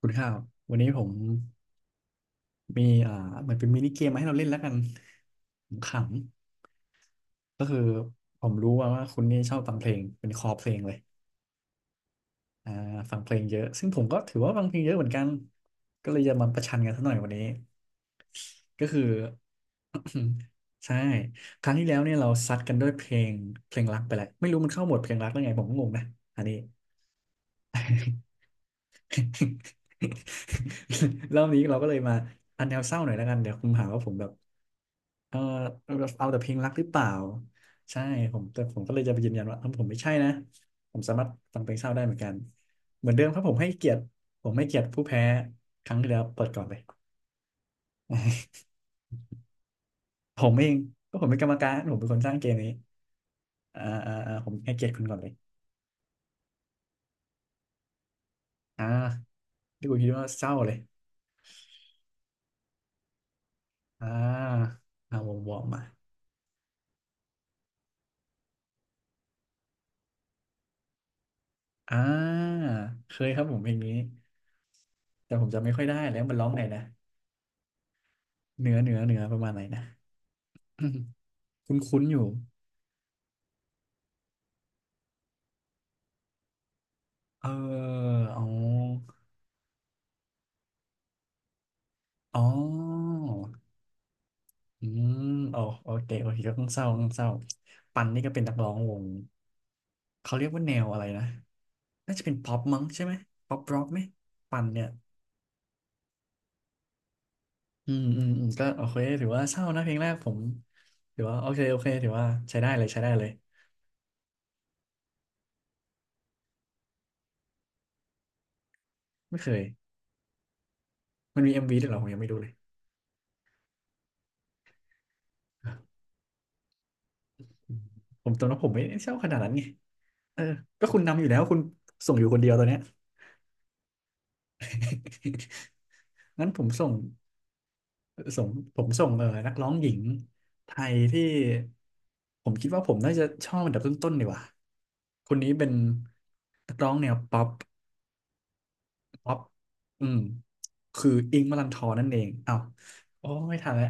คุณข้าววันนี้ผมมีเหมือนเป็นมินิเกมมาให้เราเล่นแล้วกันขำๆก็คือผมรู้ว่าคุณนี่ชอบฟังเพลงเป็นคอเพลงเลยอ่าฟังเพลงเยอะซึ่งผมก็ถือว่าฟังเพลงเยอะเหมือนกันก็เลยจะมาประชันกันสักหน่อยวันนี้ก็คือ ใช่ครั้งที่แล้วเนี่ยเราซัดกันด้วยเพลงเพลงรักไปแล้วไม่รู้มันเข้าหมวดเพลงรักได้ไงผมก็งงนะอันนี้ รอบนี้เราก็เลยมาอันแนวเศร้าหน่อยแล้วกันเดี๋ยวคุณหาว่าผมแบบ เออเอาแต่เพลงรักหรือเปล่าใช่ผมแต่ผมก็เลยจะไปยืนยันว่าเออผมไม่ใช่นะผมสามารถฟังเพลงเศร้าได้เหมือนกันเหมือนเดิมครับผมให้เกียรติผมให้เกียรติผู้แพ้ครั้งที่แล้วเปิดก่อนเลย ผมเองก็ผมเป็นกรรมการผมเป็นคนสร้างเกมนี้ผมให้เกียรติคุณก่อนเลยอ่าที่คุณคิดว่าเศร้าเลยอ่าเอาวอร์มๆมาอ่าเคยครับผมเพลงนี้แต่ผมจำไม่ค่อยได้แล้วมันร้องไงนะเหนือประมาณไหนนะ คุ้นๆอยู่ เอออ๋ออ๋ออืมโอโอเคโอเคก็ต้องเศร้าต้องเศร้าปันนี่ก็เป็นนักร้องวงเขาเรียกว่าแนวอะไรนะ น่าจะเป็นป๊อปมั้งใช่ไหมป๊อปร็อกไหมปันเนี่ยอืมอืมอืมก็โอเคถือว่าเศร้านะเพลงแรกผมถือว่าโอเคโอเคถือว่าใช้ได้เลยใช้ได้เลย ไม่เคยมันมีเอ็มวีด้วยเหรอผมยังไม่ดูเลยอืมผมตอนนั้นไม่ได้เศร้าขนาดนั้นไงเออก็คุณนำอยู่แล้วคุณส่งอยู่คนเดียวตอนเนี้ย งั้นผมส่ง ส่งผมส่งนักร้องหญิงไทยที่ผมคิดว่าผมน่าจะชอบอันดับต้นๆดีกว่าคนนี้เป็นนักร้องแนวป๊อปป๊อปอืมคืออิงค์มลันทอนั่นเองอ้าวโอ้ไม่ทันแล้ว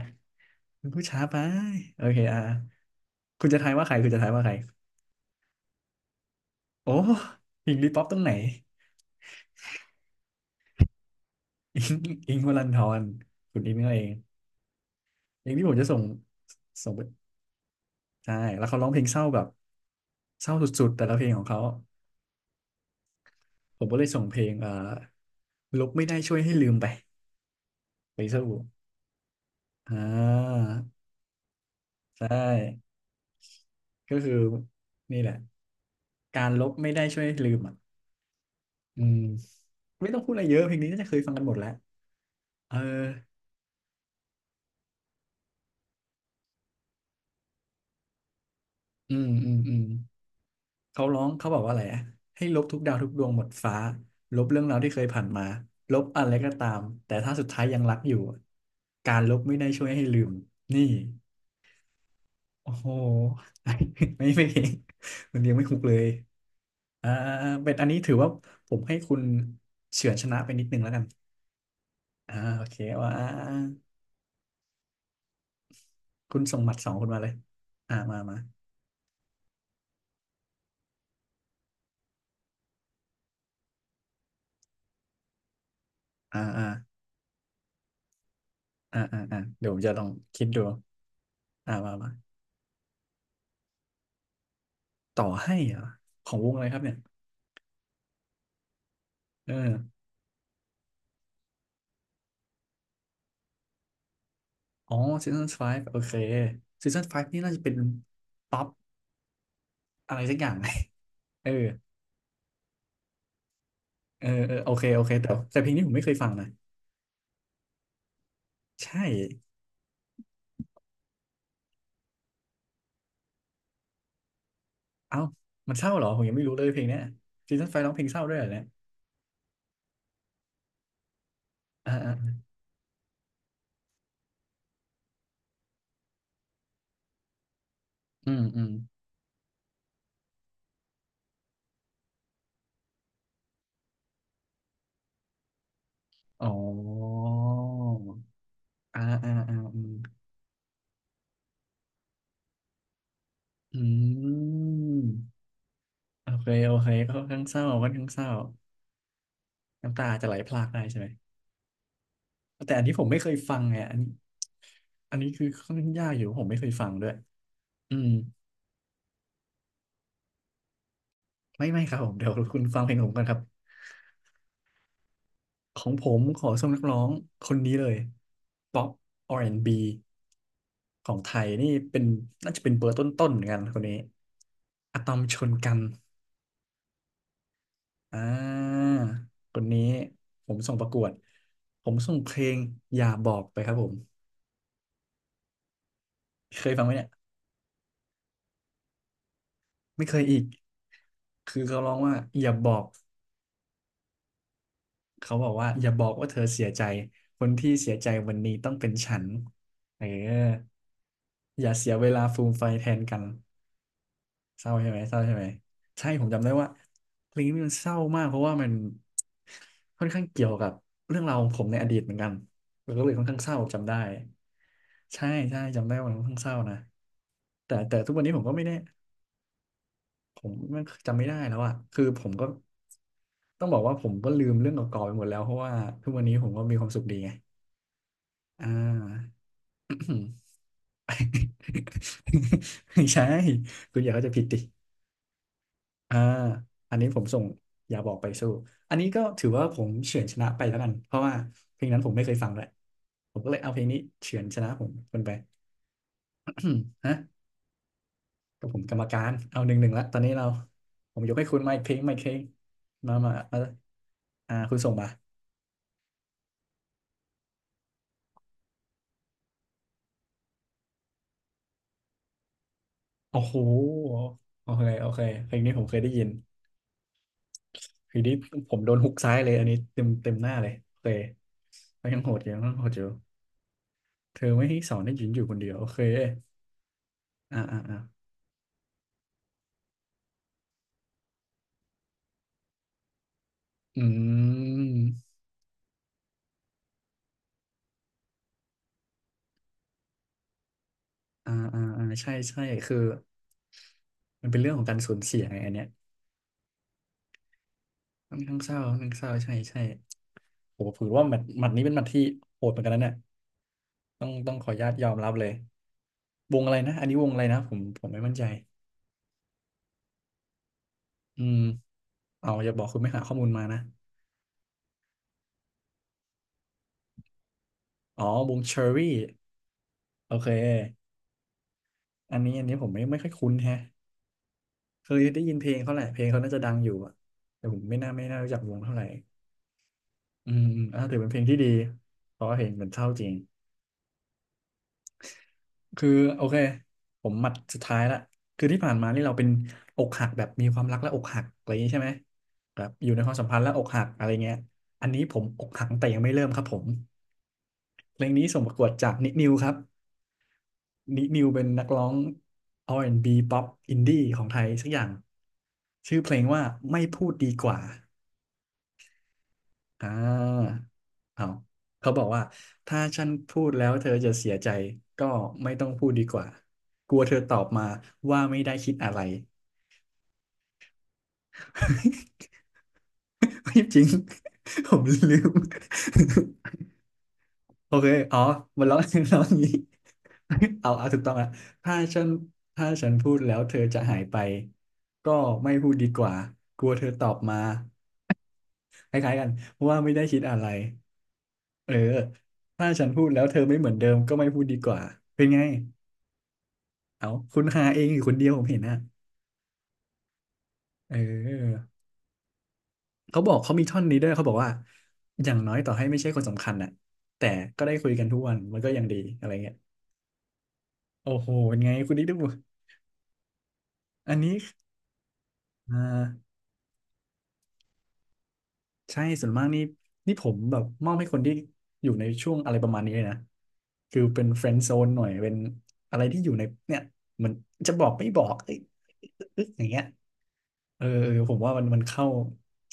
คุณผู้ช้าไปโอเคอ่ะคุณจะทายว่าใครคุณจะทายว่าใครโอ้อิงค์ลีป๊อปตรงไหนอิงค์วลันทรคุณอิงค์นั่นเองเพลงที่ผมจะส่งส่งไปใช่แล้วเขาร้องเพลงเศร้าแบบเศร้าสุดๆแต่ละเพลงของเขา ผมก็เลยส่งเพลงลบไม่ได้ช่วยให้ลืมไปไปสู้อ่าใช่ก็คือนี่แหละการลบไม่ได้ช่วยให้ลืมอ่ะอืมไม่ต้องพูดอะไรเยอะเพลงนี้น่าจะเคยฟังกันหมดแล้วเอออืมเขาร้องเขาบอกว่าอะไรอะให้ลบทุกดาวทุกดวงหมดฟ้าลบเรื่องราวที่เคยผ่านมาลบอะไรก็ตามแต่ถ้าสุดท้ายยังรักอยู่การลบไม่ได้ช่วยให้ลืมนี่ โอ้โห ไม่ไม่เก่งมันเลี้ยงไม่คุกเลยอ่าเป็นอันนี้ถือว่าผมให้คุณเฉือนชนะไปนิดนึงแล้วกันอ่าโอเคว่าคุณส่งหมัดสองคุณมาเลยอ่ามามาอ่าอ่าเดี๋ยวผมจะลองคิดดูอ่ามามาต่อให้เหรอของวงอะไรครับเนี่ยเอออ๋อซีซั่นไฟ v ์โอเคซีซั่นไฟ v ์นี่น่าจะเป็นป๊อปอะไรสักอย่าง เออเออเออโอเคโอเคแต่เพลงนี้ผมไม่เคยฟังนะ ใช่ เอ้า มันเศร้าเหรอ ผมยังไม่รู้เลยเพลงเนี้ยซีซันไฟร้องเพลงเศร้าด้วยเหรอเนี่ยอ่าอ่าอืมอืมอ๋ออืมอืมโอเคโอเคก็ค่อนข้างเศร้าค่อนข้างเศร้าน้ำตาจะไหลพรากได้ใช่ไหม แต่อันที่ผมไม่เคยฟังไงอันนี้อันนี้คือค่อนข้างยากอยู่ผมไม่เคยฟังด้วยอืมไม่ไม่ครับผมเดี๋ยวคุณฟังเพลงผมก่อนครับ ของผมขอส่งนักร้องคนนี้เลยป๊อป R&B ของไทยนี่เป็นน่าจะเป็นเบอร์ต้นๆเหมือนกันคนนี้อะตอมชนกันอ่าคนนี้ผมส่งประกวดผมส่งเพลงอย่าบอกไปครับผมเคยฟังไหมเนี่ยไม่เคยอีกคือเขาร้องว่าอย่าบอกเขาบอกว่าอย่าบอกว่าเธอเสียใจคนที่เสียใจวันนี้ต้องเป็นฉันเอออย่าเสียเวลาฟูมไฟายแทนกัน เศร้าใช่ไหมเศร้าใช่ไหมใช่ผมจำได้ว่าเพลงนี้มันเศร้ามากเพราะว่ามันค่อนข้างเกี่ยวกับเรื่องราวของผมในอดีตเหมือนกันแล้วก็เลยค่อนข้างเศร้าจำได้ใช่ใช่จำได้ว่ามันค่อนข้างเศร้านะแต่ทุกวันนี้ผมก็ไม่แน่ผมมันจำไม่ได้แล้วอะคือผมก็ต้องบอกว่าผมก็ลืมเรื่องเก่าๆไปหมดแล้วเพราะว่าทุกวันนี้ผมก็มีความสุขดีไงอ่า ไม่ใช่คุณอย่าเข้าใจผิดดิ อ่าอันนี้ผมส่งอย่าบอกไปสู้อันนี้ก็ถือว่าผมเฉือนชนะไปแล้วกันเพราะว่าเพลงนั้นผมไม่เคยฟังเลยผมก็เลยเอาเพลงนี้เฉือนชนะผมคนไป ฮะกับผมกรรมการเอา1-1ละตอนนี้เราผมยกให้คุณไมค์เพลงไมค์เพลงมามามาอ่าคุณส่งมาโอ้โหโอเคโอเคเพลงนี้ผมเคยได้ยินเพลงนี้ผมโดนฮุกซ้ายเลยอันนี้เต็มหน้าเลยโอเคก็ยังโหดอยู่ยังโหดอยู่เธอไม่ให้สอนให้ยืนอยู่คนเดียวโอเคอ่าอ่าอ่า อืมอ่าอ่าอ่าใช่ ใช่ คือ มันเป็นเรื่องของการสูญเสียไงอันเนี้ยค่อนข้างเศร้าค่อนข้างเศร้าใช่ใช่โหถือว่าหมัดนี้เป็นหมัดที่โหดเหมือนกันนะเนี่ยต้องขออนุญาตยอมรับเลยวงอะไรนะ อันนี้วงอะไรนะผมไม่มั่นใจอืมเอาอย่าบอกคุณไม่หาข้อมูลมานะอ๋อวงเชอรี่โอเคอันนี้อันนี้ผมไม่ค่อยคุ้นแฮะเคยได้ยินเพลงเขาแหละเพลงเขาน่าจะดังอยู่อะแต่ผมไม่น่ารู้จักวงเท่าไหร่อืมอืมอ่าถือเป็นเพลงที่ดีเพราะว่าเพลงมันเศร้าจริง คือโอเคผมหมัดสุดท้ายละคือที่ผ่านมานี่เราเป็นอกหักแบบมีความรักและอกหักอะไรอย่างนี้ใช่ไหมแบบอยู่ในความสัมพันธ์และอกหักอะไรเงี้ยอันนี้ผมอกหักแต่ยังไม่เริ่มครับผมเพลงนี้ส่งประกวดจากนินิวครับนินิวเป็นนักร้อง R&B ป๊อปอินดี้ของไทยสักอย่างชื่อเพลงว่าไม่พูดดีกว่า อ่าเอาเขาบอกว่าถ้าฉันพูดแล้วเธอจะเสียใจก็ไม่ต้องพูดดีกว่ากลัวเธอตอบมาว่าไม่ได้คิดอะไร ไม่จริงผมลืมโอเคอ๋อมันร้องร้องอย่างนี้ เอาเอาถูกต้องละถ้าฉันถ้าฉันพูดแล้วเธอจะหายไปก็ไม่พูดดีกว่ากลัวเธอตอบมาคล้ายๆกันว่าไม่ได้คิดอะไร เออถ้าฉันพูดแล้วเธอไม่เหมือนเดิมก็ไม่พูดดีกว่า เป็นไงเอาคุณหาเองอยู่คนเดียวผมเห็นนะเออเขาบอกเขามีท่อนนี้ด้วยเขาบอกว่า อย่างน้อยต่อให้ไม่ใช่คนสำคัญน่ะแต่ก็ได้คุยกันทุกวันมันก็ยังดีอะไรเงี้ยโอ้โหเป็นไงคุณนี่ดูอันนี้อ่าใช่ส่วนมากนี่นี่ผมแบบมอบให้คนที่อยู่ในช่วงอะไรประมาณนี้เลยนะคือเป็นเฟรนด์โซนหน่อยเป็นอะไรที่อยู่ในเนี่ยเหมือนจะบอกไม่บอกเอ้ยอึ๊กอย่างเงี้ย เออเออผมว่ามันเข้า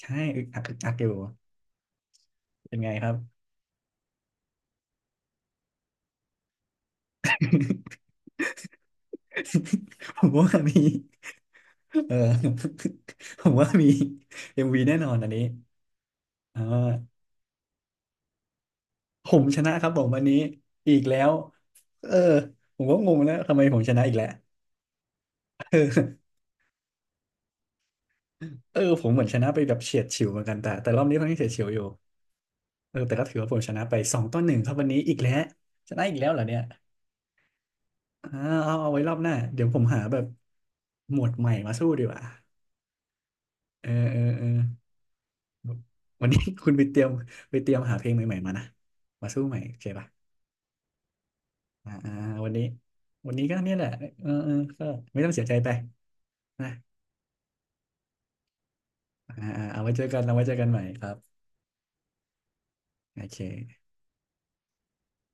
ใช่อึกอักอึกอักอยู่เป็นไงครับ ผมว่ามีเออ ผมว่ามีเอ็มวีแน่นอนอันนี้อ่าผมชนะครับผมวันนี้อีกแล้วเออผมก็งงแล้วทำไมผมชนะอีกแล้วเออ เออผมเหมือนชนะไปแบบเฉียดฉิวเหมือนกันแต่รอบนี้ค่อนข้างเฉียดฉิวอยู่เออแต่ก็ถือว่าผมชนะไป2-1ครับวันนี้อีกแล้วชนะอีกแล้วเหรอเนี่ยอ่าเอาเอาไว้รอบหน้าเดี๋ยวผมหาแบบหมวดใหม่มาสู้ดีกว่า เออเออเออวันนี้ คุณไปเตรียมไปเตรียมหาเพลงใหม่ๆมานะ มาสู้ใหม่โอเคป่ะอ่าอ่าวันนี้วันนี้ก็เนี่ยแหละเออเออก็ไม่ต้องเสียใจไปนะอ่าอ่าเอาไว้เจอกันเราไว้เจอกันใหม่ครับโอเค